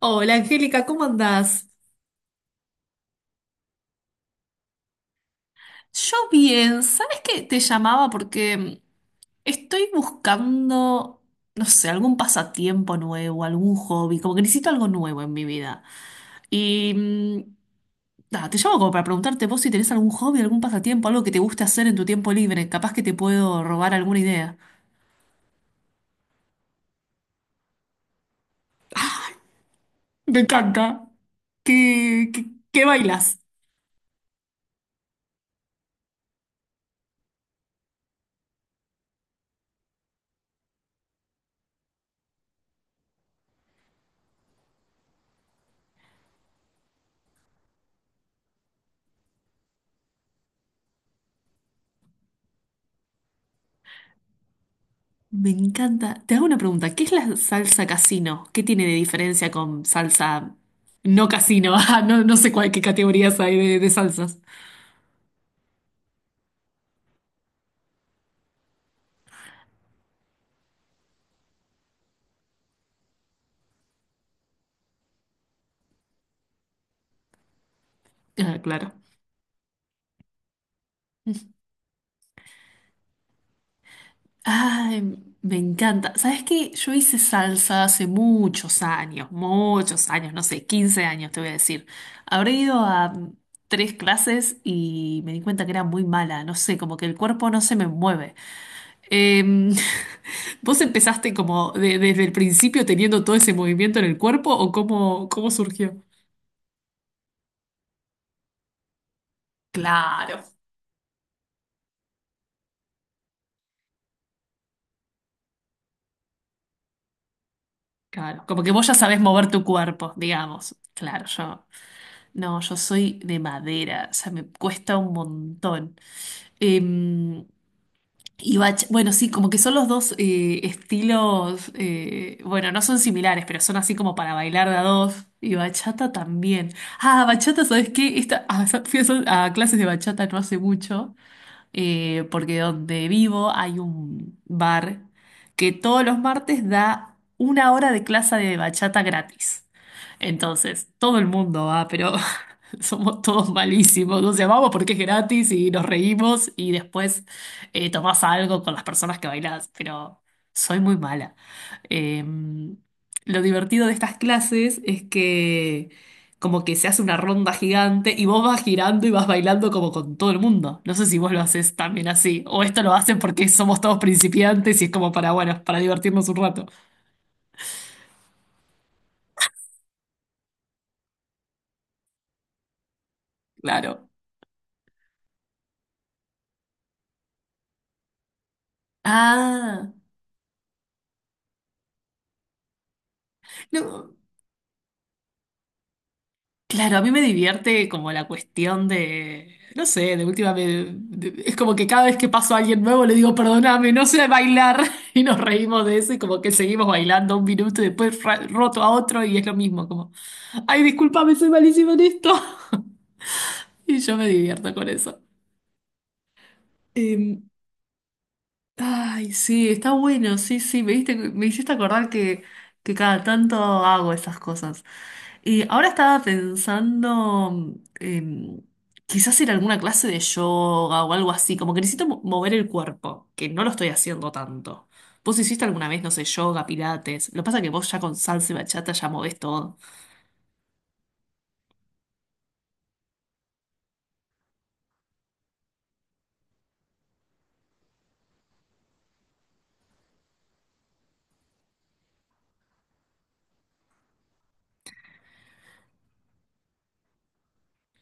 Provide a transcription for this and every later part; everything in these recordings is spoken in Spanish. Hola Angélica, ¿cómo andás? Yo bien, ¿sabes qué? Te llamaba porque estoy buscando, no sé, algún pasatiempo nuevo, algún hobby, como que necesito algo nuevo en mi vida. Y mm, nada, te llamo como para preguntarte vos si tenés algún hobby, algún pasatiempo, algo que te guste hacer en tu tiempo libre, capaz que te puedo robar alguna idea. Me encanta. ¿Qué, qué, qué bailas? Me encanta. Te hago una pregunta. ¿Qué es la salsa casino? ¿Qué tiene de diferencia con salsa no casino? Ah, no, no sé cuál, qué categorías hay de salsas. Ah, claro. Ay, me encanta. ¿Sabes qué? Yo hice salsa hace muchos años, no sé, 15 años te voy a decir. Habré ido a tres clases y me di cuenta que era muy mala. No sé, como que el cuerpo no se me mueve. Em, ¿vos empezaste como desde el principio teniendo todo ese movimiento en el cuerpo o cómo, cómo surgió? Claro, claro. Como que vos ya sabés mover tu cuerpo, digamos. Claro, yo. No, yo soy de madera, o sea, me cuesta un montón. Em, Y bueno, sí, como que son los dos estilos, bueno, no son similares, pero son así como para bailar de a dos. Y bachata también. Ah, bachata, ¿sabes qué? Esta, ah, fui a, a clases de bachata no hace mucho, porque donde vivo hay un bar que todos los martes da una hora de clase de bachata gratis. Entonces, todo el mundo va, pero Somos todos malísimos, nos llamamos porque es gratis y nos reímos y después tomás algo con las personas que bailás, pero soy muy mala. Eh, lo divertido de estas clases es que como que se hace una ronda gigante y vos vas girando y vas bailando como con todo el mundo. No sé si vos lo haces también así, o esto lo hacen porque somos todos principiantes y es como para, bueno, para divertirnos un rato. Claro. Ah, no. Claro, a mí me divierte como la cuestión de, no sé, de última vez, es como que cada vez que paso a alguien nuevo le digo, perdóname, no sé bailar, y nos reímos de eso y como que seguimos bailando un minuto y después roto a otro y es lo mismo, como, ay, discúlpame, soy malísimo en esto. Y yo me divierto con eso. Ay, sí, está bueno, sí, sí, me hiciste acordar que cada tanto hago esas cosas. Y ahora estaba pensando, em, quizás ir a alguna clase de yoga o algo así, como que necesito mover el cuerpo, que no lo estoy haciendo tanto. ¿Vos hiciste alguna vez, no sé, yoga, pilates? Lo que pasa es que vos ya con salsa y bachata ya movés todo.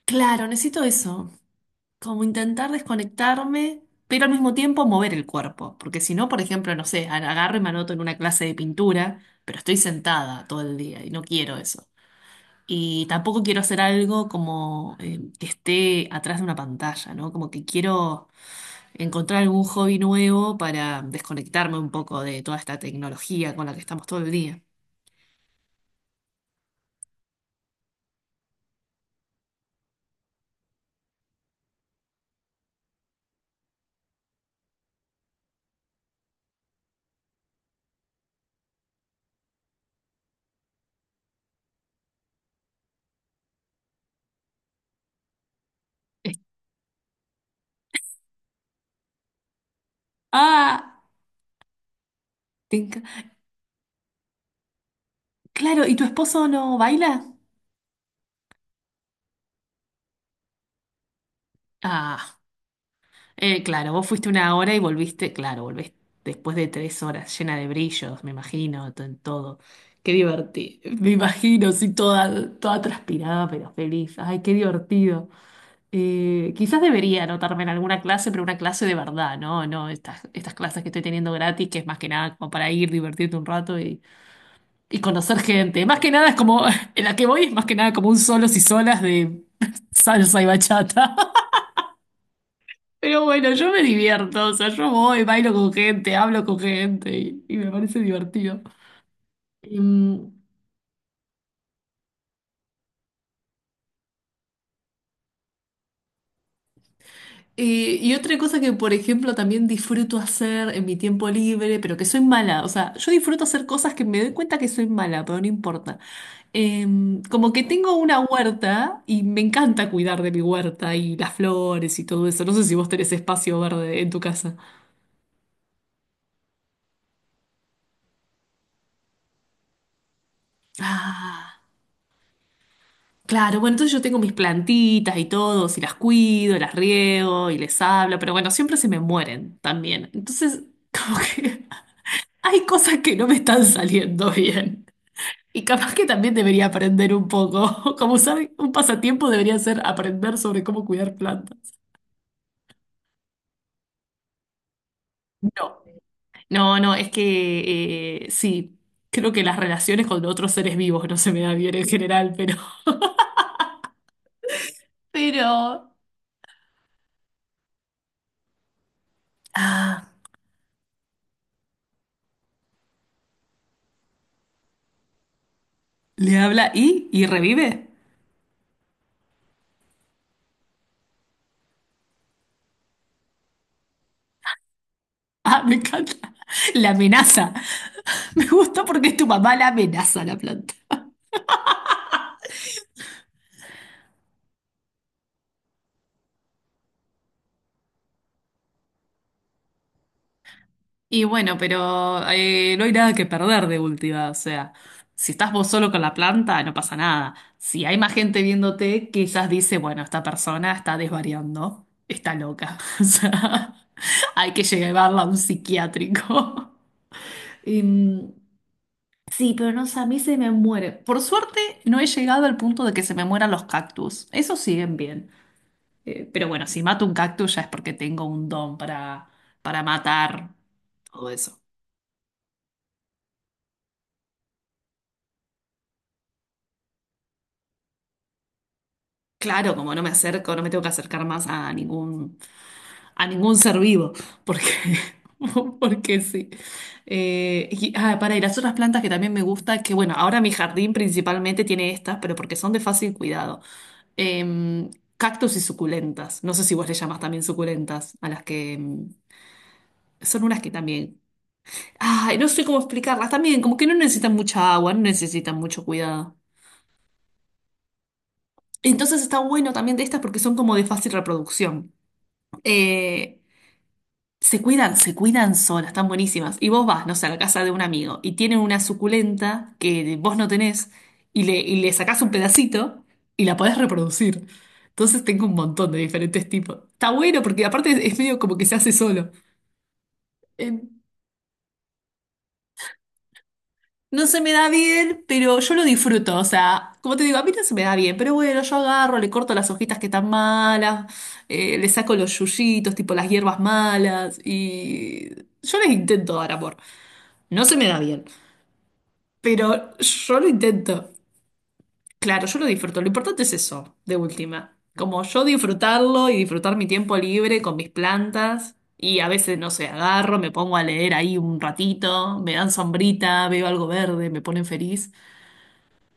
Claro, necesito eso. Como intentar desconectarme, pero al mismo tiempo mover el cuerpo, porque si no, por ejemplo, no sé, agarro y me anoto en una clase de pintura, pero estoy sentada todo el día y no quiero eso. Y tampoco quiero hacer algo como que esté atrás de una pantalla, ¿no? Como que quiero encontrar algún hobby nuevo para desconectarme un poco de toda esta tecnología con la que estamos todo el día. Eh, Ah, te enca- claro, ¿y tu esposo no baila? Ah. Claro, vos fuiste una hora y volviste, claro, volvés después de 3 horas, llena de brillos, me imagino, todo. Qué divertido, me imagino, sí, toda, toda transpirada, pero feliz. Ay, qué divertido. Quizás debería anotarme en alguna clase, pero una clase de verdad, ¿no? No, estas, estas clases que estoy teniendo gratis, que es más que nada como para ir, divertirte un rato y conocer gente. Más que nada es como, en la que voy es más que nada como un solos y solas de salsa y bachata. Pero bueno, yo me divierto, o sea, yo voy, bailo con gente, hablo con gente y me parece divertido. Em, y otra cosa que, por ejemplo, también disfruto hacer en mi tiempo libre, pero que soy mala, o sea, yo disfruto hacer cosas que me doy cuenta que soy mala, pero no importa. Como que tengo una huerta y me encanta cuidar de mi huerta y las flores y todo eso. No sé si vos tenés espacio verde en tu casa. Ah. Claro, bueno, entonces yo tengo mis plantitas y todo, y las cuido, las riego y les hablo, pero bueno, siempre se me mueren también. Entonces, como que hay cosas que no me están saliendo bien. Y capaz que también debería aprender un poco. Como saben, un pasatiempo debería ser aprender sobre cómo cuidar plantas. No, no, es que sí, creo que las relaciones con otros seres vivos no se me dan bien en general, pero... Pero... Ah, le habla y revive. Ah, me encanta. La amenaza. Me gusta porque es tu mamá la amenaza a la planta. Y bueno, pero no hay nada que perder de última. O sea, si estás vos solo con la planta, no pasa nada. Si hay más gente viéndote, quizás dice, bueno, esta persona está desvariando, está loca. O sea, hay que llevarla a un psiquiátrico. Em, sí, pero no sé, a mí se me muere. Por suerte, no he llegado al punto de que se me mueran los cactus. Esos siguen bien. Pero bueno, si mato un cactus ya es porque tengo un don para matar todo eso. Claro, como no me acerco, no me tengo que acercar más a ningún ser vivo, porque, porque sí. Y, ah, para, y las otras plantas que también me gusta, que bueno, ahora mi jardín principalmente tiene estas, pero porque son de fácil cuidado. Em, cactus y suculentas. No sé si vos le llamás también suculentas, a las que son unas que también ay, no sé cómo explicarlas también, como que no necesitan mucha agua, no necesitan mucho cuidado. Entonces está bueno también de estas porque son como de fácil reproducción. Eh, se cuidan solas, están buenísimas. Y vos vas, no sé, a la casa de un amigo y tienen una suculenta que vos no tenés y le sacás un pedacito y la podés reproducir. Entonces tengo un montón de diferentes tipos. Está bueno porque aparte es medio como que se hace solo. No se me da bien, pero yo lo disfruto. O sea, como te digo, a mí no se me da bien, pero bueno, yo agarro, le corto las hojitas que están malas, le saco los yuyitos, tipo las hierbas malas, y yo les intento dar amor. No se me da bien, pero yo lo intento. Claro, yo lo disfruto. Lo importante es eso, de última. Como yo disfrutarlo y disfrutar mi tiempo libre con mis plantas. Y a veces, no sé, agarro, me pongo a leer ahí un ratito, me dan sombrita, veo algo verde, me ponen feliz.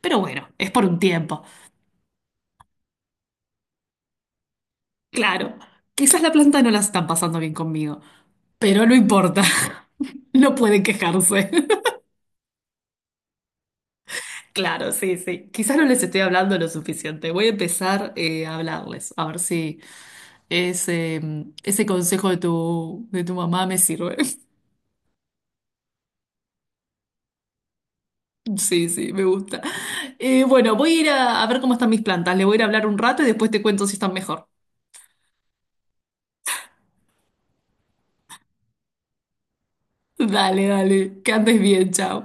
Pero bueno, es por un tiempo. Claro, quizás la planta no la están pasando bien conmigo, pero no importa. No pueden quejarse. Claro, sí, sí. Quizás no les estoy hablando lo suficiente. Voy a empezar a hablarles, a ver si ese, ese consejo de de tu mamá me sirve. Sí, sí, me gusta. Bueno, voy a ir a ver cómo están mis plantas. Le voy a ir a hablar un rato y después te cuento si están mejor. Dale, dale. Que andes bien, chao.